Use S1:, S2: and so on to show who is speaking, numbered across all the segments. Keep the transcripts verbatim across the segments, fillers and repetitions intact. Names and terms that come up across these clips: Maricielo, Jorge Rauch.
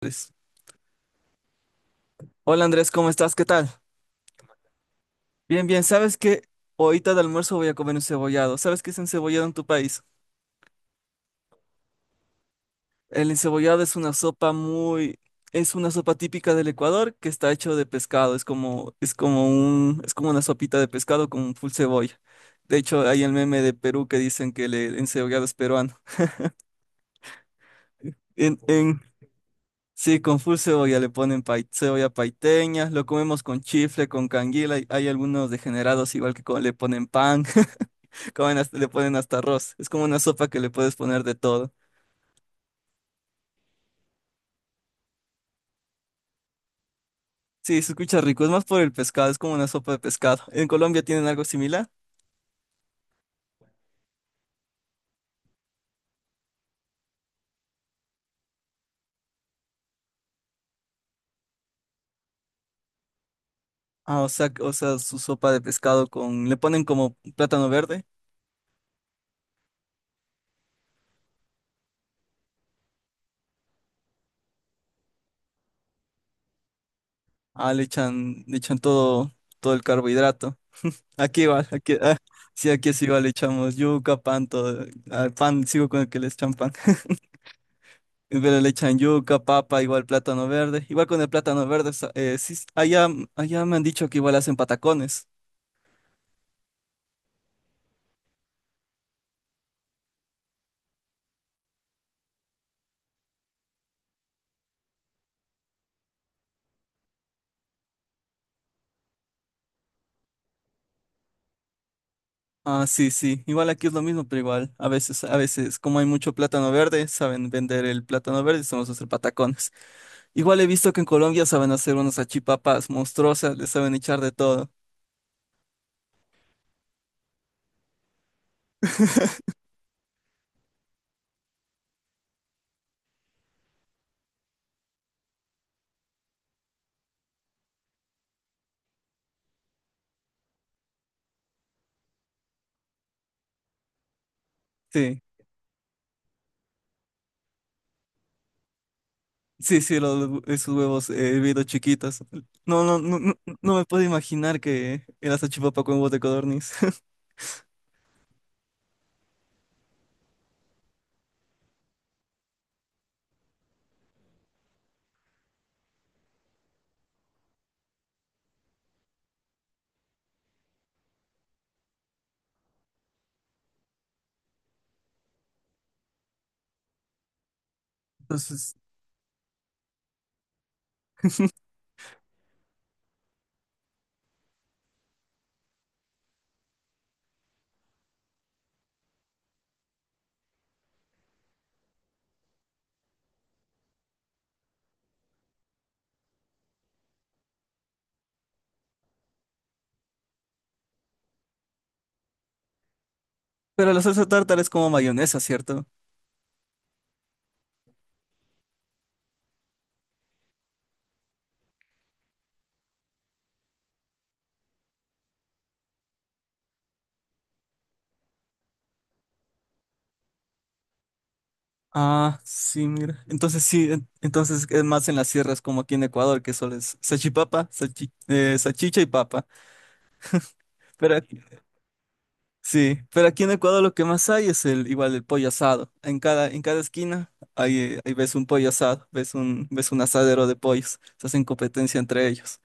S1: Andrés. Hola Andrés, ¿cómo estás? ¿Qué tal? Bien, bien. ¿Sabes que ahorita de almuerzo voy a comer un cebollado? ¿Sabes qué es encebollado en tu país? El encebollado es una sopa muy... Es una sopa típica del Ecuador que está hecho de pescado. Es como, es como un, es como una sopita de pescado con full cebolla. De hecho, hay el meme de Perú que dicen que el el encebollado es peruano. En, en, sí, con full cebolla le ponen pai- cebolla paiteña. Lo comemos con chifle, con canguila. Y hay algunos degenerados igual que co- le ponen pan. Comen hasta- le ponen hasta arroz. Es como una sopa que le puedes poner de todo. Sí, se escucha rico, es más por el pescado, es como una sopa de pescado. ¿En Colombia tienen algo similar? Ah, o sea, o sea, su sopa de pescado con, le ponen como plátano verde. Ah, le echan, le echan todo, todo el carbohidrato. Aquí igual, aquí, ah, sí, aquí es igual, le echamos yuca, pan, todo. Al pan, sigo con el que le echan pan. Pero le echan yuca, papa, igual plátano verde. Igual con el plátano verde, sa- eh, sí, allá, allá me han dicho que igual hacen patacones. Ah, sí, sí. Igual aquí es lo mismo, pero igual. A veces, a veces, como hay mucho plátano verde, saben vender el plátano verde y sabemos hacer patacones. Igual he visto que en Colombia saben hacer unas salchipapas monstruosas, le saben echar de todo. Sí, sí, sí, los, hue- esos huevos eh, hervidos chiquitos. No, no, no, no, no me puedo imaginar que era salchipapa con huevos de codorniz. Entonces, pero la salsa tártara es como mayonesa, ¿cierto? Ah, sí, mira. Entonces sí, en- entonces es más en las sierras como aquí en Ecuador, que solo es sachipapa, sachi- eh, sachicha y papa. Pero aquí- sí, pero aquí en Ecuador lo que más hay es el igual el pollo asado. En cada, en cada esquina ahí, eh, ahí ves un pollo asado, ves un, ves un asadero de pollos. Se hacen competencia entre ellos.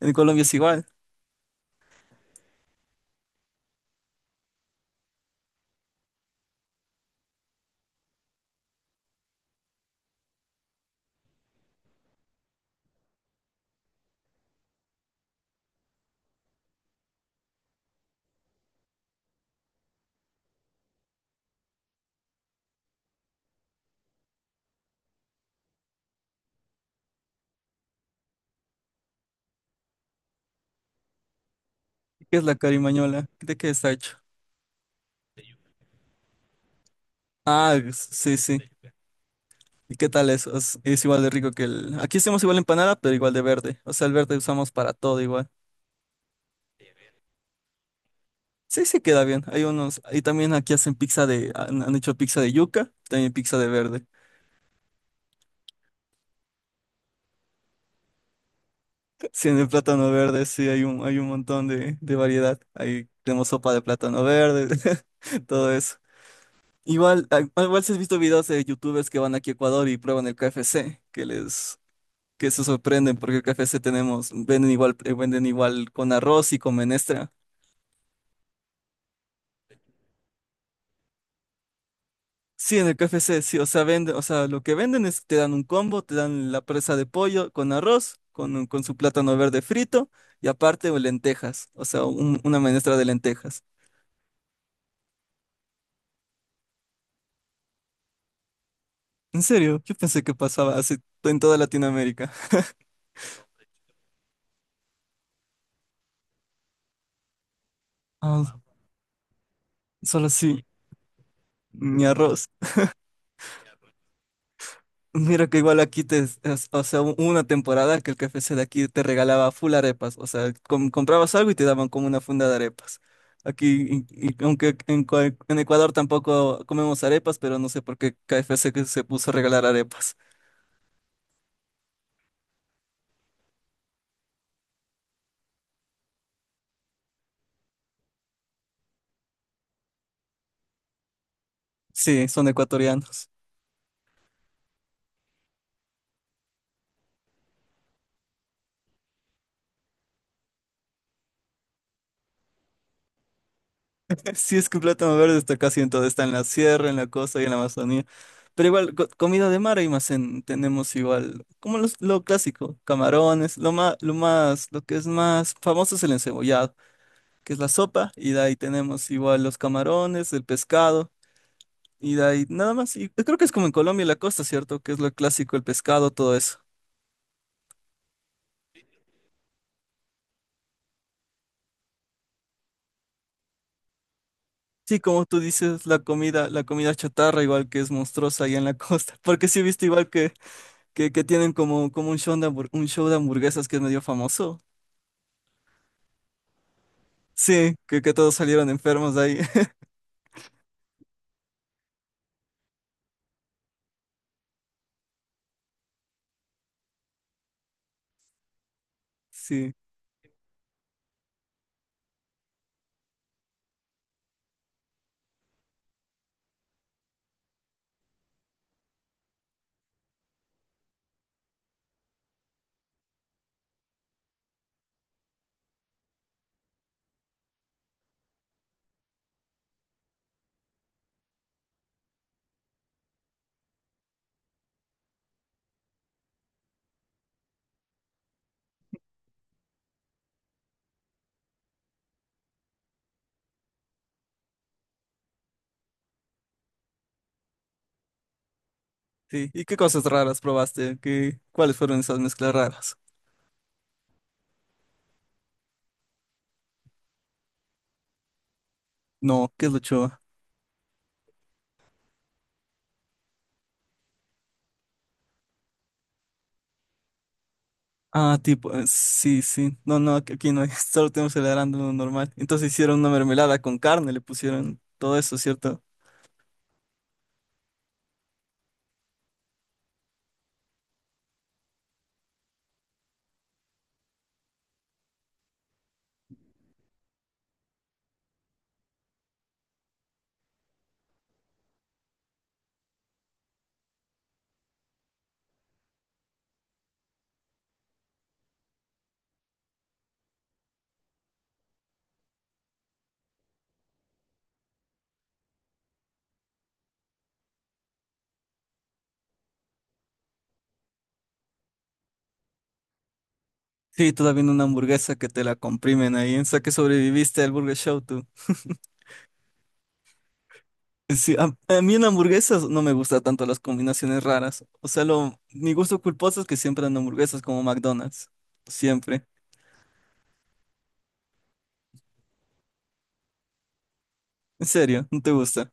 S1: En Colombia es igual. ¿Qué es la carimañola? ¿De qué está hecho? Ah, s- sí, sí. ¿Y qué tal eso? Es, es igual de rico que el... Aquí hacemos igual empanada, pero igual de verde. O sea, el verde usamos para todo igual. Sí, sí queda bien. Hay unos, y también aquí hacen pizza de, han, han hecho pizza de yuca, también pizza de verde. Sí, en el plátano verde, sí, hay un, hay un montón de, de variedad. Ahí tenemos sopa de plátano verde, todo eso. Igual, ah, ah, igual si has visto videos de youtubers que van aquí a Ecuador y prueban el K F C, que les, que se sorprenden porque el K F C tenemos, venden igual, eh, venden igual con arroz y con menestra. Sí, en el K F C, sí, o sea, venden, o sea, lo que venden es, te dan un combo, te dan la presa de pollo con arroz, con, con su plátano verde frito y aparte o lentejas, o sea, un- una menestra de lentejas. En serio, yo pensé que pasaba así en toda Latinoamérica. Ah, solo así, mi arroz. Mira que igual aquí te, es- es- o sea, hubo una temporada que el K F C de aquí te regalaba full arepas, o sea, com- comprabas algo y te daban como una funda de arepas. Aquí, y- y aunque en, cua- en Ecuador tampoco comemos arepas, pero no sé por qué K F C que se puso a regalar arepas. Sí, son ecuatorianos. Sí, es que el plátano verde está casi en todo, está en la sierra, en la costa y en la Amazonía. Pero igual, co- comida de mar hay más en, tenemos igual, como los- lo clásico, camarones, lo más, lo más, lo que es más famoso es el encebollado, que es la sopa, y de ahí tenemos igual los camarones, el pescado, y de ahí nada más. Y creo que es como en Colombia y la costa, ¿cierto? Que es lo clásico, el pescado, todo eso. Sí, como tú dices, la comida, la comida chatarra igual que es monstruosa allá en la costa. Porque sí he visto igual que, que, que tienen como, como un show de hambur- un show de hamburguesas que es medio famoso. Sí, que, que todos salieron enfermos de ahí. Sí, sí. ¿Y qué cosas raras probaste? ¿Qué, cuáles fueron esas mezclas raras? No, ¿qué es lo Ah, tipo, eh, sí, sí. No, no, aquí aquí no hay, solo tenemos el arándano normal. Entonces hicieron una mermelada con carne, le pusieron todo eso, ¿cierto? Sí, todavía en una hamburguesa que te la comprimen ahí. O sea, que sobreviviste al Burger Show tú. Sí, a, a mí en hamburguesas no me gustan tanto las combinaciones raras. O sea, lo, mi gusto culposo es que siempre en hamburguesas como McDonald's. Siempre. En serio, no te gusta.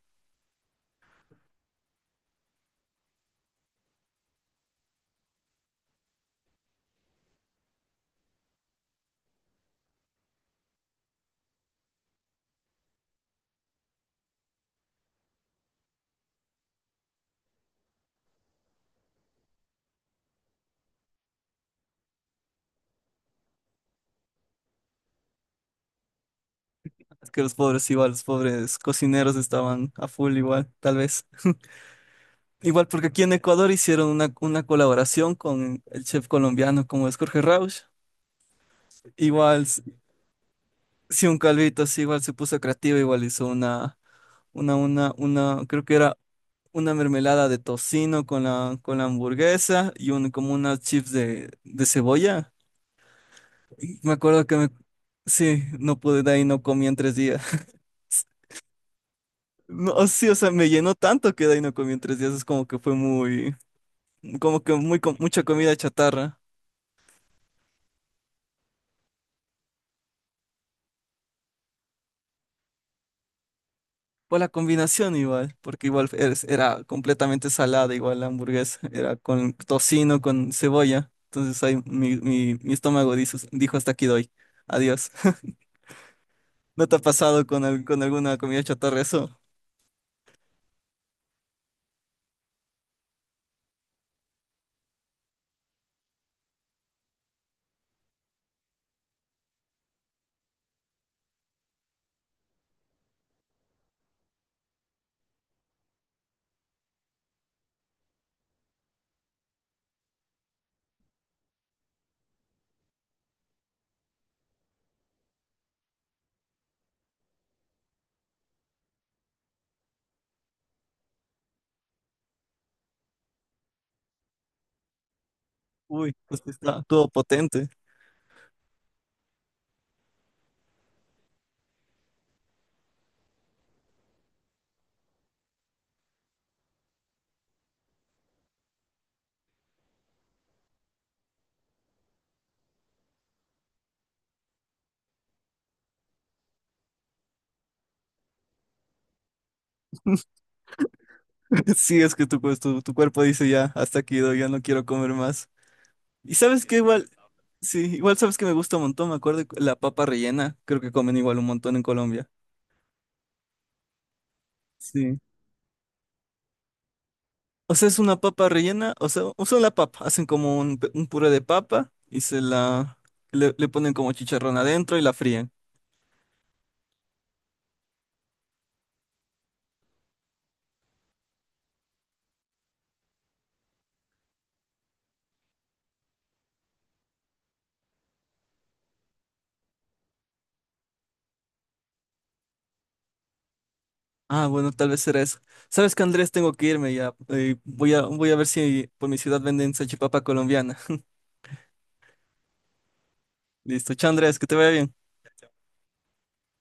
S1: Es que los pobres igual, los pobres cocineros estaban a full igual, tal vez. Igual porque aquí en Ecuador hicieron una, una colaboración con el chef colombiano como es Jorge Rauch. Igual, si un calvito así, igual se puso creativo, igual hizo una, una, una, una, creo que era una mermelada de tocino con la, con la hamburguesa y un, como unas chips de, de cebolla. Y me acuerdo que me, sí, no pude, de ahí no comí en tres días. No, sí, o sea, me llenó tanto que de ahí no comí en tres días. Es como que fue muy, como que muy, co- mucha comida chatarra. Por la combinación igual, porque igual es- era completamente salada, igual la hamburguesa, era con tocino, con cebolla. Entonces ahí mi, mi, mi estómago dijo, dijo hasta aquí doy. Adiós. ¿No te ha pasado con, al- con alguna comida chatarra eso? Uy, pues está todo potente. Sí, es que tu, pues, tu, tu cuerpo dice ya, hasta aquí doy, ya no quiero comer más. Y sabes que igual, sí, igual sabes que me gusta un montón, me acuerdo de la papa rellena, creo que comen igual un montón en Colombia. Sí. O sea, es una papa rellena, o sea, usan la papa, hacen como un, pe- un puré de papa y se la le, le ponen como chicharrón adentro y la fríen. Ah, bueno, tal vez será eso. ¿Sabes que Andrés? Tengo que irme ya. Eh, voy a, voy a ver si por mi ciudad venden salchipapa colombiana. Listo, chao Andrés, que te vaya bien.